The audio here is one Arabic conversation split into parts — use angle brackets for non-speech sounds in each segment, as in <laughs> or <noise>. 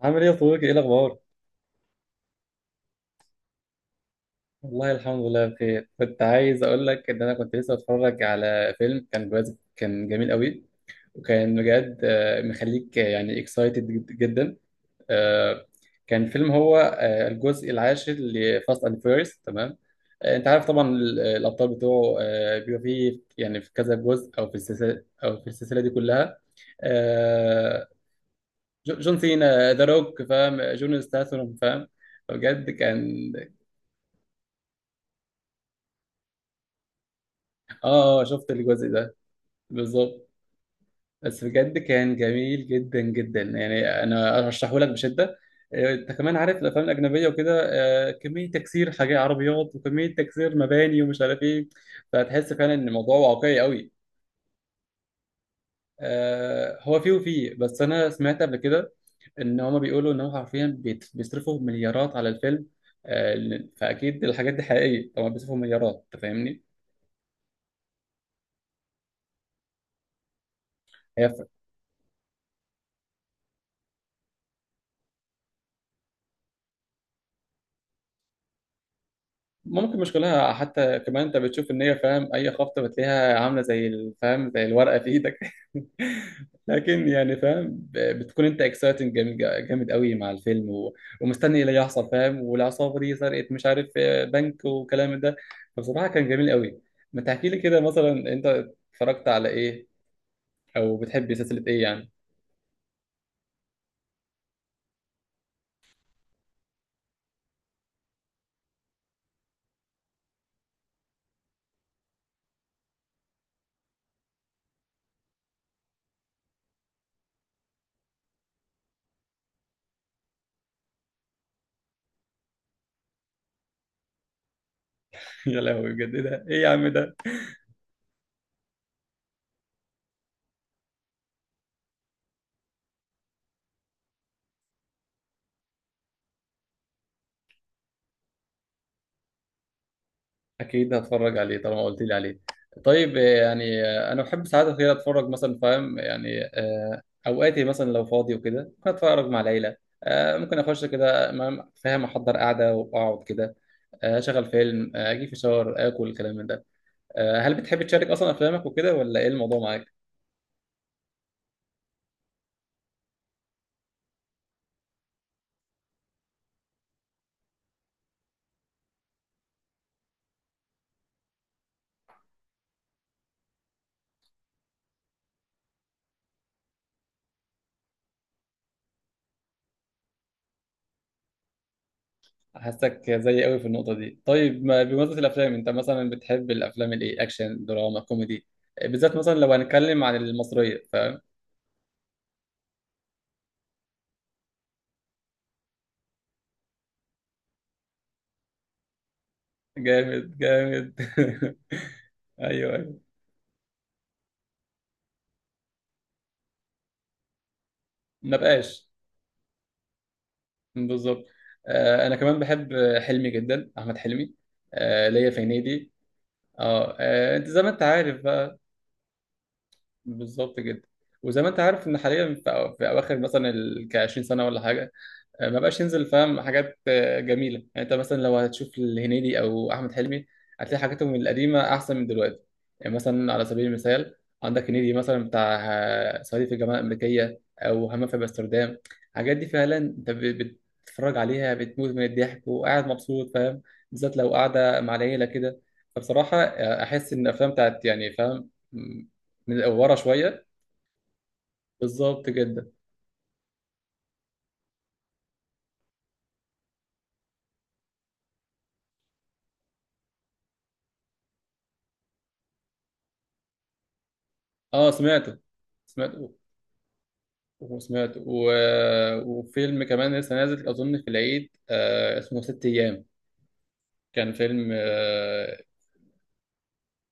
عامل ايه يا صديقي؟ ايه الاخبار؟ والله الحمد لله بخير. كنت عايز اقول لك ان انا كنت لسه بتفرج على فيلم كان بجد كان جميل قوي. وكان بجد مخليك يعني اكسايتد جدا. آه، كان فيلم هو، الجزء العاشر لفاست اند فيرست. تمام. انت عارف طبعا الابطال بتوعه بيبقى فيه، يعني في كذا جزء، او في السلسله، او في السلسله دي كلها. آه، جون سينا، ذا روك، فاهم؟ جون ستاثام، فاهم؟ بجد كان. اه، شفت الجزء ده. بالظبط. بس بجد كان جميل جدا جدا، يعني انا ارشحه لك بشده. انت كمان عارف الافلام الاجنبيه وكده، كميه تكسير حاجات عربيات، وكميه تكسير مباني ومش عارف ايه، فهتحس فعلا ان الموضوع واقعي قوي. هو فيه وفيه، بس انا سمعت قبل كده ان هما بيقولوا ان هو حرفيا بيصرفوا مليارات على الفيلم. فاكيد الحاجات دي حقيقيه، طبعا بيصرفوا مليارات، انت فاهمني. ممكن مش كلها، حتى كمان انت بتشوف ان هي، فاهم، اي خبطه بتلاقيها عامله زي الفهم، زي الورقه في ايدك. <laughs> لكن يعني فاهم، بتكون انت اكسايتنج جامد، جامد قوي، مع الفيلم ومستني ايه اللي هيحصل، فاهم؟ والعصابه دي سرقت مش عارف بنك وكلام ده. فبصراحه كان جميل قوي. ما تحكي لي كده مثلا انت، اتفرجت على ايه؟ او بتحب سلسله ايه يعني؟ <laughs> يا لهوي بجد، ايه ده؟ ايه يا عم ده؟ اكيد هتفرج عليه طالما قلت لي عليه. طيب، انا بحب ساعات كده اتفرج مثلا، فاهم، يعني، اوقاتي مثلا لو فاضي وكده ممكن اتفرج مع العيله. ممكن اخش كده، فاهم، احضر قعده واقعد كده، اشغل فيلم، اجي في شاور، اكل الكلام من ده. هل بتحب تشارك اصلا افلامك وكده؟ ولا ايه الموضوع معاك؟ حاسك زي قوي في النقطه دي. طيب، ما بمناسبه الافلام، انت مثلا بتحب الافلام الايه؟ اكشن، دراما، كوميدي؟ بالذات مثلا لو هنتكلم عن المصريه، فاهم. جامد جامد. <laughs> ايوه ايوه. ما بقاش. بالظبط. آه انا كمان بحب حلمي جدا، احمد حلمي. آه ليا في هنيدي. اه، انت زي ما انت عارف بقى. بالظبط جدا. وزي ما انت عارف ان حاليا في، في اواخر مثلا ال 20 سنه ولا حاجه، ما بقاش ينزل فاهم حاجات جميله. يعني انت مثلا لو هتشوف الهنيدي او احمد حلمي، هتلاقي حاجاتهم القديمه احسن من دلوقتي. يعني مثلا على سبيل المثال، عندك هنيدي مثلا بتاع صعيدي في الجامعه الامريكيه، او همام في امستردام. الحاجات دي فعلا انت بتتفرج عليها بتموت من الضحك، وقاعد مبسوط، فاهم، بالذات لو قاعده مع العيله كده. فبصراحه، احس ان الافلام بتاعت، يعني فاهم، من ورا شويه. بالظبط جدا. اه سمعته، سمعت، وسمعته و... وفيلم كمان لسه نازل أظن في العيد، آه اسمه ست أيام. كان فيلم آه...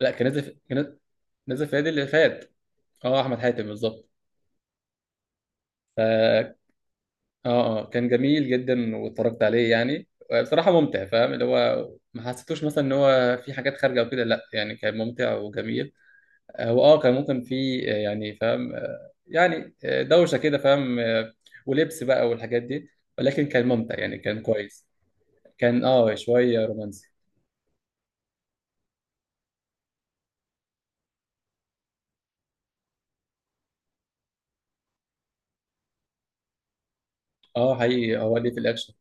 لا كان نازل في... كان نازل في العيد اللي فات. اه، أحمد حاتم بالظبط. ف... اه، اه كان جميل جدا واتفرجت عليه يعني. بصراحة ممتع، فاهم، اللي هو ما حسيتوش مثلا ان هو في حاجات خارجة وكده، لا يعني كان ممتع وجميل. هو اه كان ممكن في آه، يعني فاهم آه، يعني آه، دوشة كده، فاهم، ولبس بقى والحاجات دي، ولكن كان ممتع يعني كان كويس. كان اه شوية رومانسي. اه حقيقي، هو ليه في الأكشن؟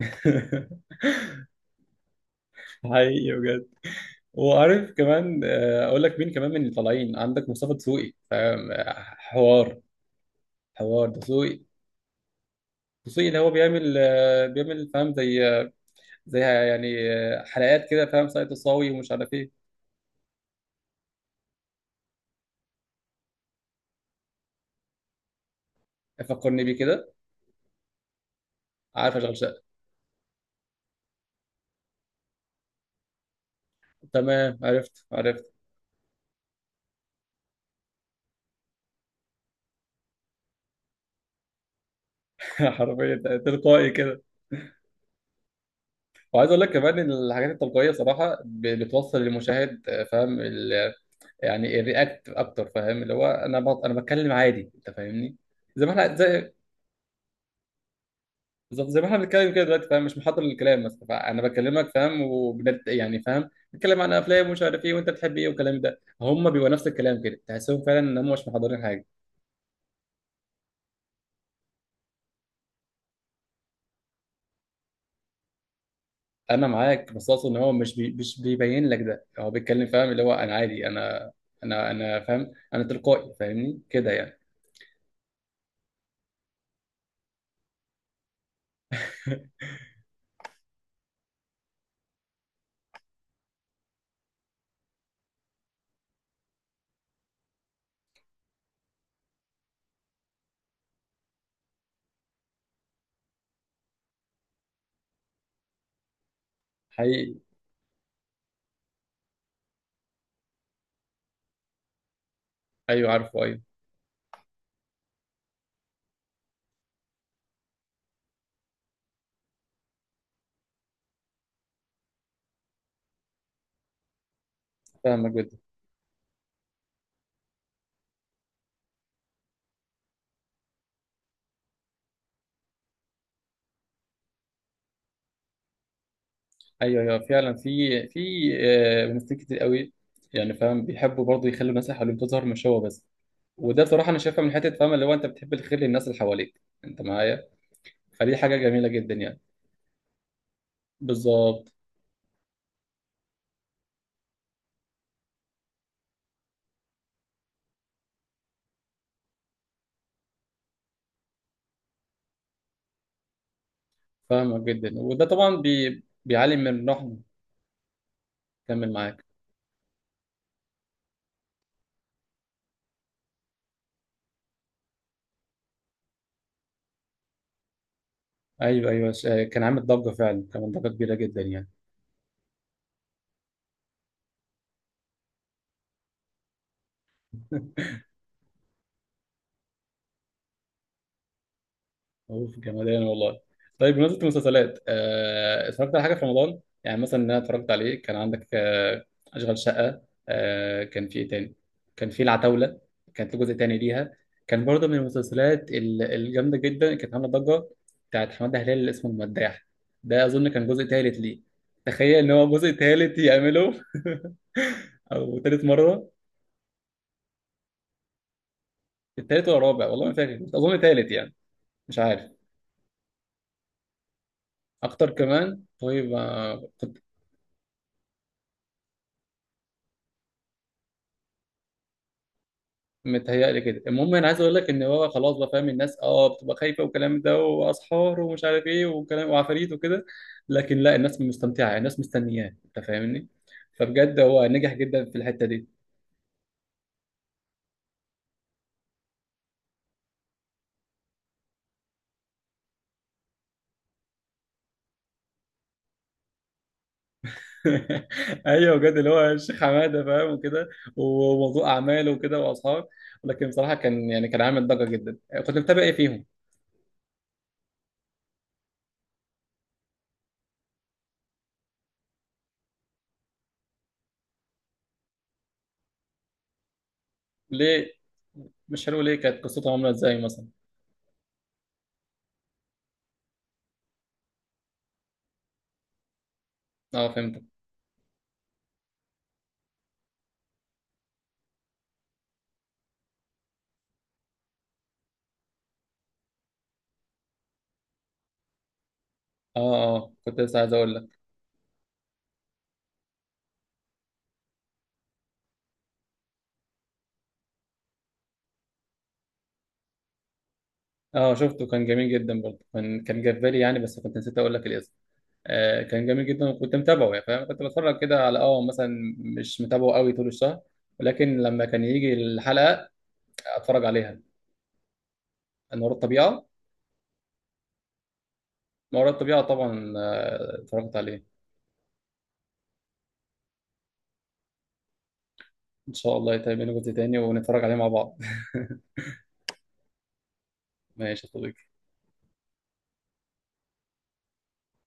<laughs> حقيقي بجد. وعارف كمان، أقول لك مين كمان من اللي طالعين عندك؟ مصطفى دسوقي، فاهم، حوار دسوقي. دسوقي اللي هو بيعمل بيعمل، فاهم، زي زي يعني حلقات كده، فاهم، سايت الصاوي ومش عارف ايه. فكرني بيه كده. عارف اشغل شقه. تمام، عرفت عرفت. <laughs> حرفيا. تلقائي كده. وعايز اقول لك كمان ان الحاجات التلقائيه صراحه بتوصل للمشاهد، فاهم، يعني الرياكت اكتر، فاهم، اللي هو انا بتكلم عادي، انت فاهمني. زي ما احنا بالظبط، زي ما احنا بنتكلم كده دلوقتي، فاهم، مش محضر للكلام مثلا. فانا بكلمك فاهم، وبنت... يعني فاهم، بنتكلم عن افلام ومش عارف ايه، وانت بتحب ايه والكلام ده. هم بيبقوا نفس الكلام كده، تحسهم فعلا ان هم مش محضرين حاجه. انا معاك، بس اقصد ان هو مش بي... مش بيبين لك، ده هو بيتكلم فاهم، اللي هو انا عادي، انا فاهم، انا تلقائي، فاهمني كده يعني. <laughs> حقيقي. ايوه، عارفه ايوه. فاهمك جدا. ايوه ايوه فعلا، في ممثلين كتير قوي، يعني فاهم بيحبوا برضه يخلوا الناس اللي حواليهم تظهر مش هو بس. وده بصراحه انا شايفها من حته، فاهم، اللي هو انت بتحب الخير للناس اللي حواليك، انت معايا؟ فدي حاجه جميله جدا يعني. بالظبط. فاهمك جدا. وده طبعا بي بيعلي من روحنا. كمل معاك. ايوه ايوه، كان عامل ضجه فعلا، كان ضجه كبيره جدا يعني. <laughs> اوف جمدان والله. طيب بمناسبة المسلسلات، اتفرجت على حاجة في رمضان؟ يعني مثلا إن انا اتفرجت عليه كان عندك اشغال شقة. كان في ايه تاني؟ كان في العتاولة، كانت جزء تاني ليها، كان برضه من المسلسلات الجامدة جدا، كانت عاملة ضجة. بتاعت حمادة هلال اللي اسمه المداح، ده اظن كان جزء تالت ليه. تخيل ان هو جزء تالت يعمله. <laughs> او تالت مرة. التالت ولا الرابع؟ والله ما فاكر، اظن تالت يعني. مش عارف. اكتر كمان. طيب، كنت متهيألي كده. المهم انا عايز اقول لك ان هو خلاص بقى، فاهم، الناس اه بتبقى خايفه، والكلام ده، واسحار ومش عارف ايه، وكلام وعفاريت وكده. لكن لا، الناس مستمتعه، الناس مستنياه، انت فاهمني. فبجد هو نجح جدا في الحته دي. <laughs> ايوه بجد، اللي هو الشيخ حماده، فاهم وكده، وموضوع اعماله وكده واصحاب. لكن بصراحه كان يعني كان عامل ضجه جدا. كنت متابع ايه فيهم؟ ليه؟ مش حلو ليه؟ كانت قصته عامله ازاي مثلا؟ اه فهمت. اه، اه كنت لسه عايز اقول لك. اه شفته كان جميل جدا برضه، كان كان جاب بالي يعني، بس كنت نسيت اقول لك الاسم. آه كان جميل جدا، وكنت متابعه يعني، فاهم كنت بتفرج كده على اه مثلا. مش متابعه قوي طول الشهر، ولكن لما كان يجي الحلقه اتفرج عليها. انا ورا الطبيعه، ما وراء الطبيعه، طبعا آه اتفرجت عليه. ان شاء الله يتعمل منه جزء تاني ونتفرج عليه مع بعض. <laughs> ماشي يا صديقي.